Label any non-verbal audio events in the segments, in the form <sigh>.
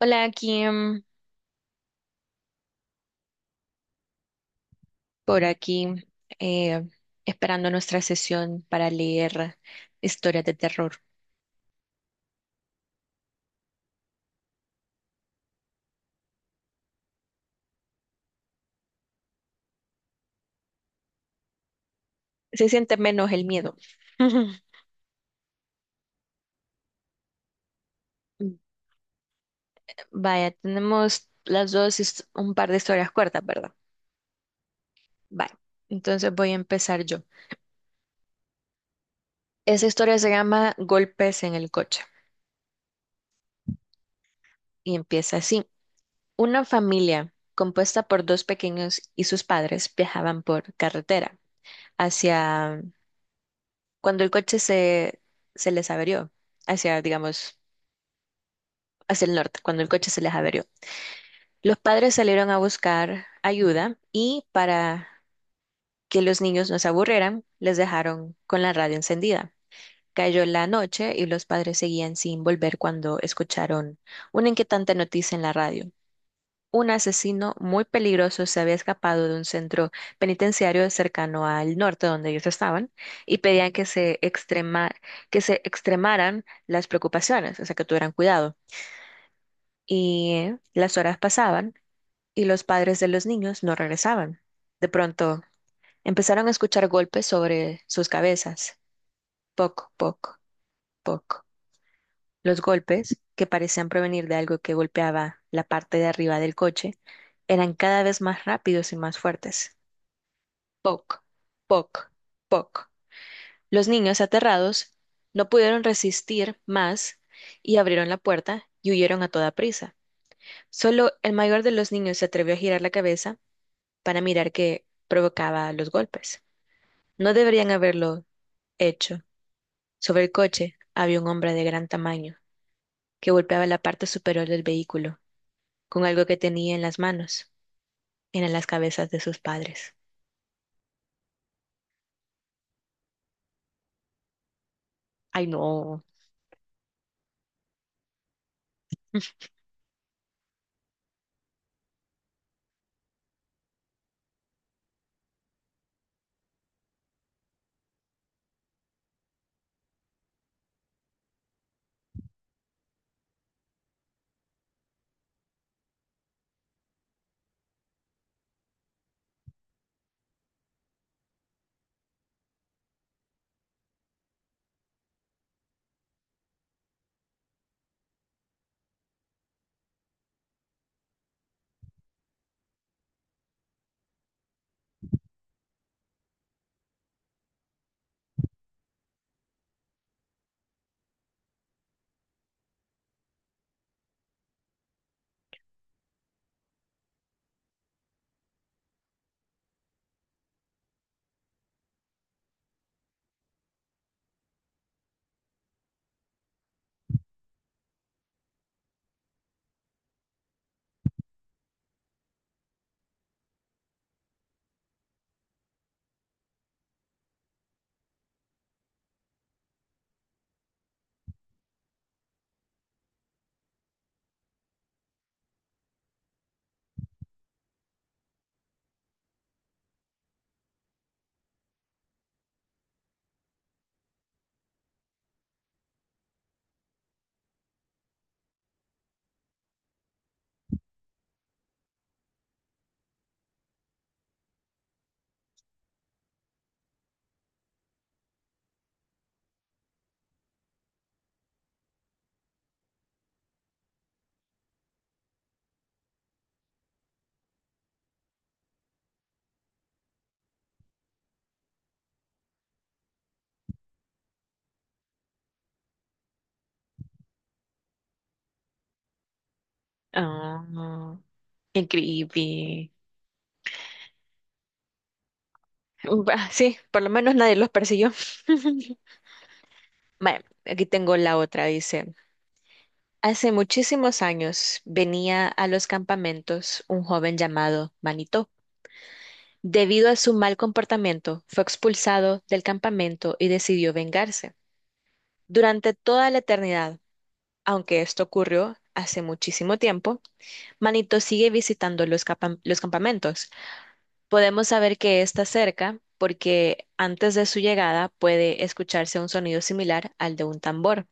Hola, Kim, por aquí, eh, esperando nuestra sesión para leer historias de terror. Se siente menos el miedo. <laughs> Vaya, tenemos las dos his- un par de historias cortas, ¿verdad? Vaya, entonces voy a empezar yo. Esa historia se llama Golpes en el coche y empieza así. Una familia compuesta por dos pequeños y sus padres viajaban por carretera hacia cuando se les averió, hacia, digamos, hacia el norte, cuando el coche se les averió. Los padres salieron a buscar ayuda y para que los niños no se aburrieran, les dejaron con la radio encendida. Cayó la noche y los padres seguían sin volver cuando escucharon una inquietante noticia en la radio. Un asesino muy peligroso se había escapado de un centro penitenciario cercano al norte donde ellos estaban y pedían que se extremaran las preocupaciones, o sea, que tuvieran cuidado. Y las horas pasaban y los padres de los niños no regresaban. De pronto empezaron a escuchar golpes sobre sus cabezas. Poc, poc, poc. Los golpes, que parecían provenir de algo que golpeaba la parte de arriba del coche, eran cada vez más rápidos y más fuertes. Poc, poc, poc. Los niños, aterrados, no pudieron resistir más y abrieron la puerta y huyeron a toda prisa. Solo el mayor de los niños se atrevió a girar la cabeza para mirar qué provocaba los golpes. No deberían haberlo hecho. Sobre el coche había un hombre de gran tamaño que golpeaba la parte superior del vehículo con algo que tenía en las manos. Eran las cabezas de sus padres. Ay, no. Ah, no. Qué creepy. <laughs> Sí, por lo menos nadie los persiguió. <laughs> Bueno, aquí tengo la otra, dice. Hace muchísimos años venía a los campamentos un joven llamado Manito. Debido a su mal comportamiento, fue expulsado del campamento y decidió vengarse. Durante toda la eternidad, aunque esto ocurrió hace muchísimo tiempo, Manito sigue visitando los campamentos. Podemos saber que está cerca porque antes de su llegada puede escucharse un sonido similar al de un tambor.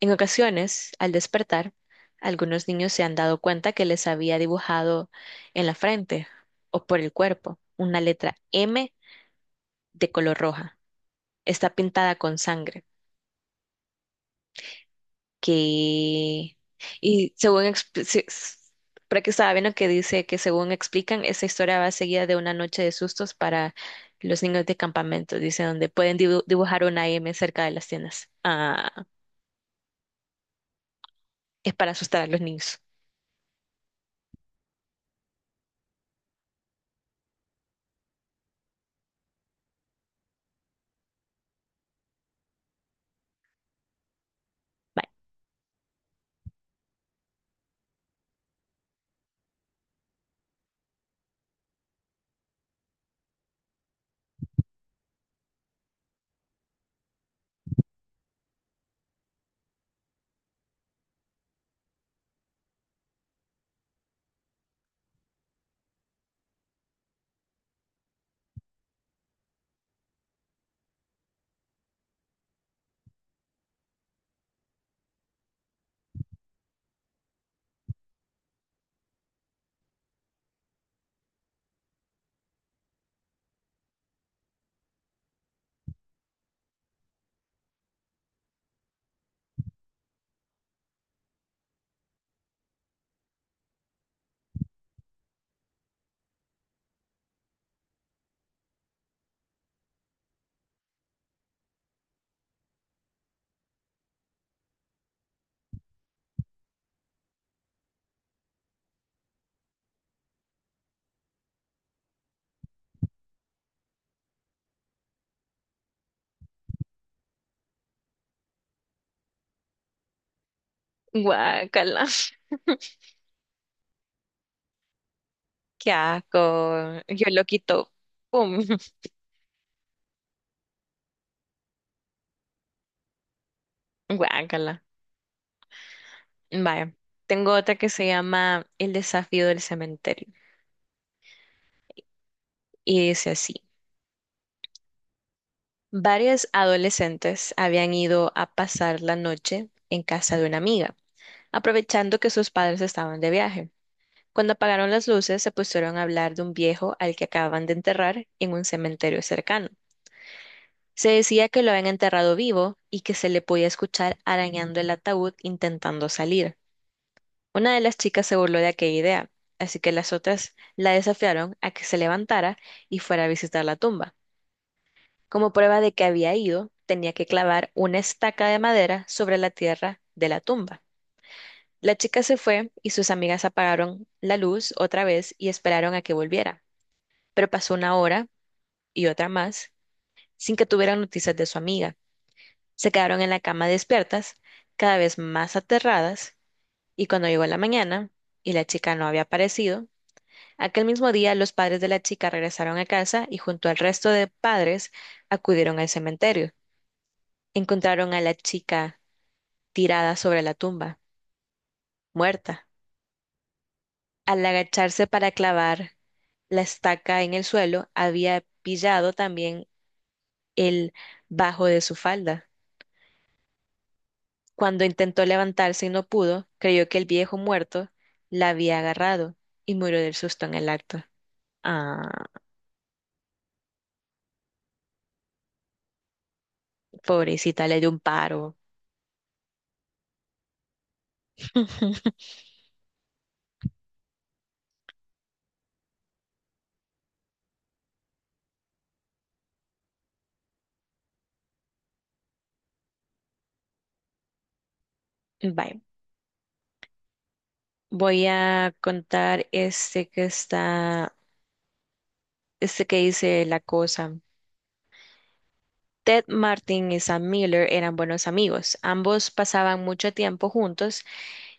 En ocasiones, al despertar, algunos niños se han dado cuenta que les había dibujado en la frente o por el cuerpo una letra M de color roja. Está pintada con sangre, que... Y según... expli- se- s- por aquí estaba viendo que dice que según explican, esa historia va seguida de una noche de sustos para los niños de campamento, dice, donde pueden dibujar una M cerca de las tiendas. Ah, es para asustar a los niños. Bye. Guácala. <laughs> Qué asco. Yo lo quito. Pum. <laughs> Guácala. Vaya. Tengo otra que se llama El desafío del cementerio. Y dice así. Varias adolescentes habían ido a pasar la noche en casa de una amiga, aprovechando que sus padres estaban de viaje. Cuando apagaron las luces, se pusieron a hablar de un viejo al que acababan de enterrar en un cementerio cercano. Se decía que lo habían enterrado vivo y que se le podía escuchar arañando el ataúd intentando salir. Una de las chicas se burló de aquella idea, así que las otras la desafiaron a que se levantara y fuera a visitar la tumba. Como prueba de que había ido, tenía que clavar una estaca de madera sobre la tierra de la tumba. La chica se fue y sus amigas apagaron la luz otra vez y esperaron a que volviera. Pero pasó una hora y otra más sin que tuvieran noticias de su amiga. Se quedaron en la cama despiertas, cada vez más aterradas, y cuando llegó la mañana y la chica no había aparecido, aquel mismo día los padres de la chica regresaron a casa y junto al resto de padres acudieron al cementerio. Encontraron a la chica tirada sobre la tumba, muerta. Al agacharse para clavar la estaca en el suelo, había pillado también el bajo de su falda. Cuando intentó levantarse y no pudo, creyó que el viejo muerto la había agarrado y murió del susto en el acto. Ah, pobrecita, le dio un paro. <laughs> Bye. Voy a contar este que dice la cosa. Ted Martin y Sam Miller eran buenos amigos. Ambos pasaban mucho tiempo juntos.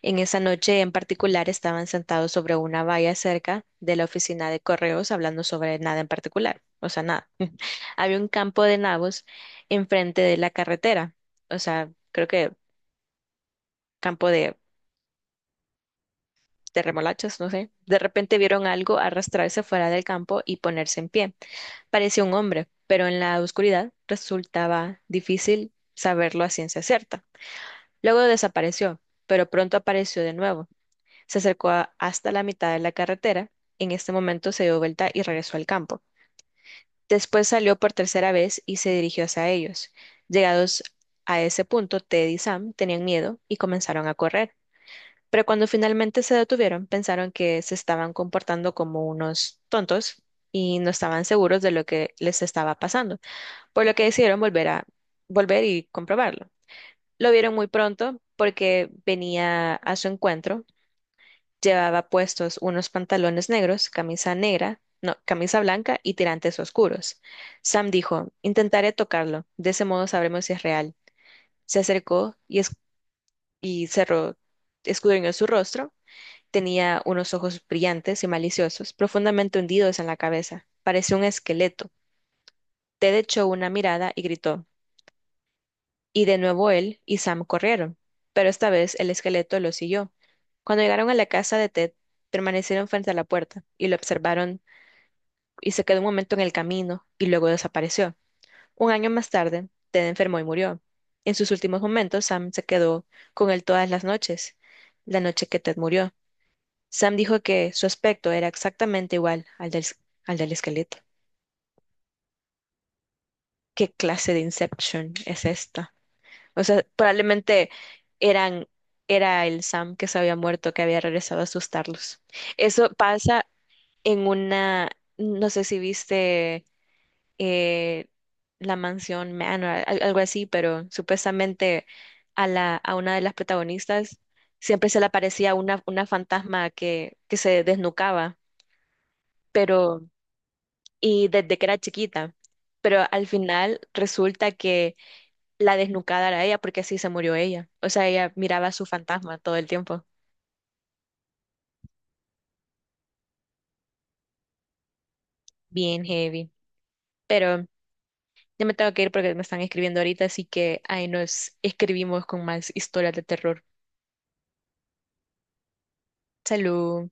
En esa noche en particular estaban sentados sobre una valla cerca de la oficina de correos hablando sobre nada en particular. O sea, nada. <laughs> Había un campo de nabos enfrente de la carretera. O sea, creo que campo de, de remolachas, no sé. De repente vieron algo arrastrarse fuera del campo y ponerse en pie. Parecía un hombre, pero en la oscuridad resultaba difícil saberlo a ciencia cierta. Luego desapareció, pero pronto apareció de nuevo. Hasta la mitad de la carretera. En este momento se dio vuelta y regresó al campo. Después salió por tercera vez y se dirigió hacia ellos. Llegados a ese punto, Ted y Sam tenían miedo y comenzaron a correr. Pero cuando finalmente se detuvieron, pensaron que se estaban comportando como unos tontos y no estaban seguros de lo que les estaba pasando, por lo que decidieron volver y comprobarlo. Lo vieron muy pronto porque venía a su encuentro. Llevaba puestos unos pantalones negros, camisa negra, no, camisa blanca y tirantes oscuros. Sam dijo, intentaré tocarlo, de ese modo sabremos si es real. Se acercó y cerró, escudriñó su rostro. Tenía unos ojos brillantes y maliciosos, profundamente hundidos en la cabeza. Parecía un esqueleto. Ted echó una mirada y gritó, y de nuevo él y Sam corrieron, pero esta vez el esqueleto lo siguió. Cuando llegaron a la casa de Ted, permanecieron frente a la puerta y lo observaron y se quedó un momento en el camino y luego desapareció. Un año más tarde, Ted enfermó y murió. En sus últimos momentos, Sam se quedó con él todas las noches, la noche que Ted murió. Sam dijo que su aspecto era exactamente igual al del esqueleto. ¿Qué clase de Inception es esta? O sea, probablemente eran, era el Sam que se había muerto, que había regresado a asustarlos. Eso pasa en una, no sé si viste eh, la mansión Manor, algo así, pero supuestamente a una de las protagonistas siempre se le aparecía una fantasma que se desnucaba, pero, y desde que era chiquita. Pero al final resulta que la desnucada era ella porque así se murió ella. O sea, ella miraba a su fantasma todo el tiempo. Bien heavy. Pero ya me tengo que ir porque me están escribiendo ahorita, así que ahí nos escribimos con más historias de terror. Salud.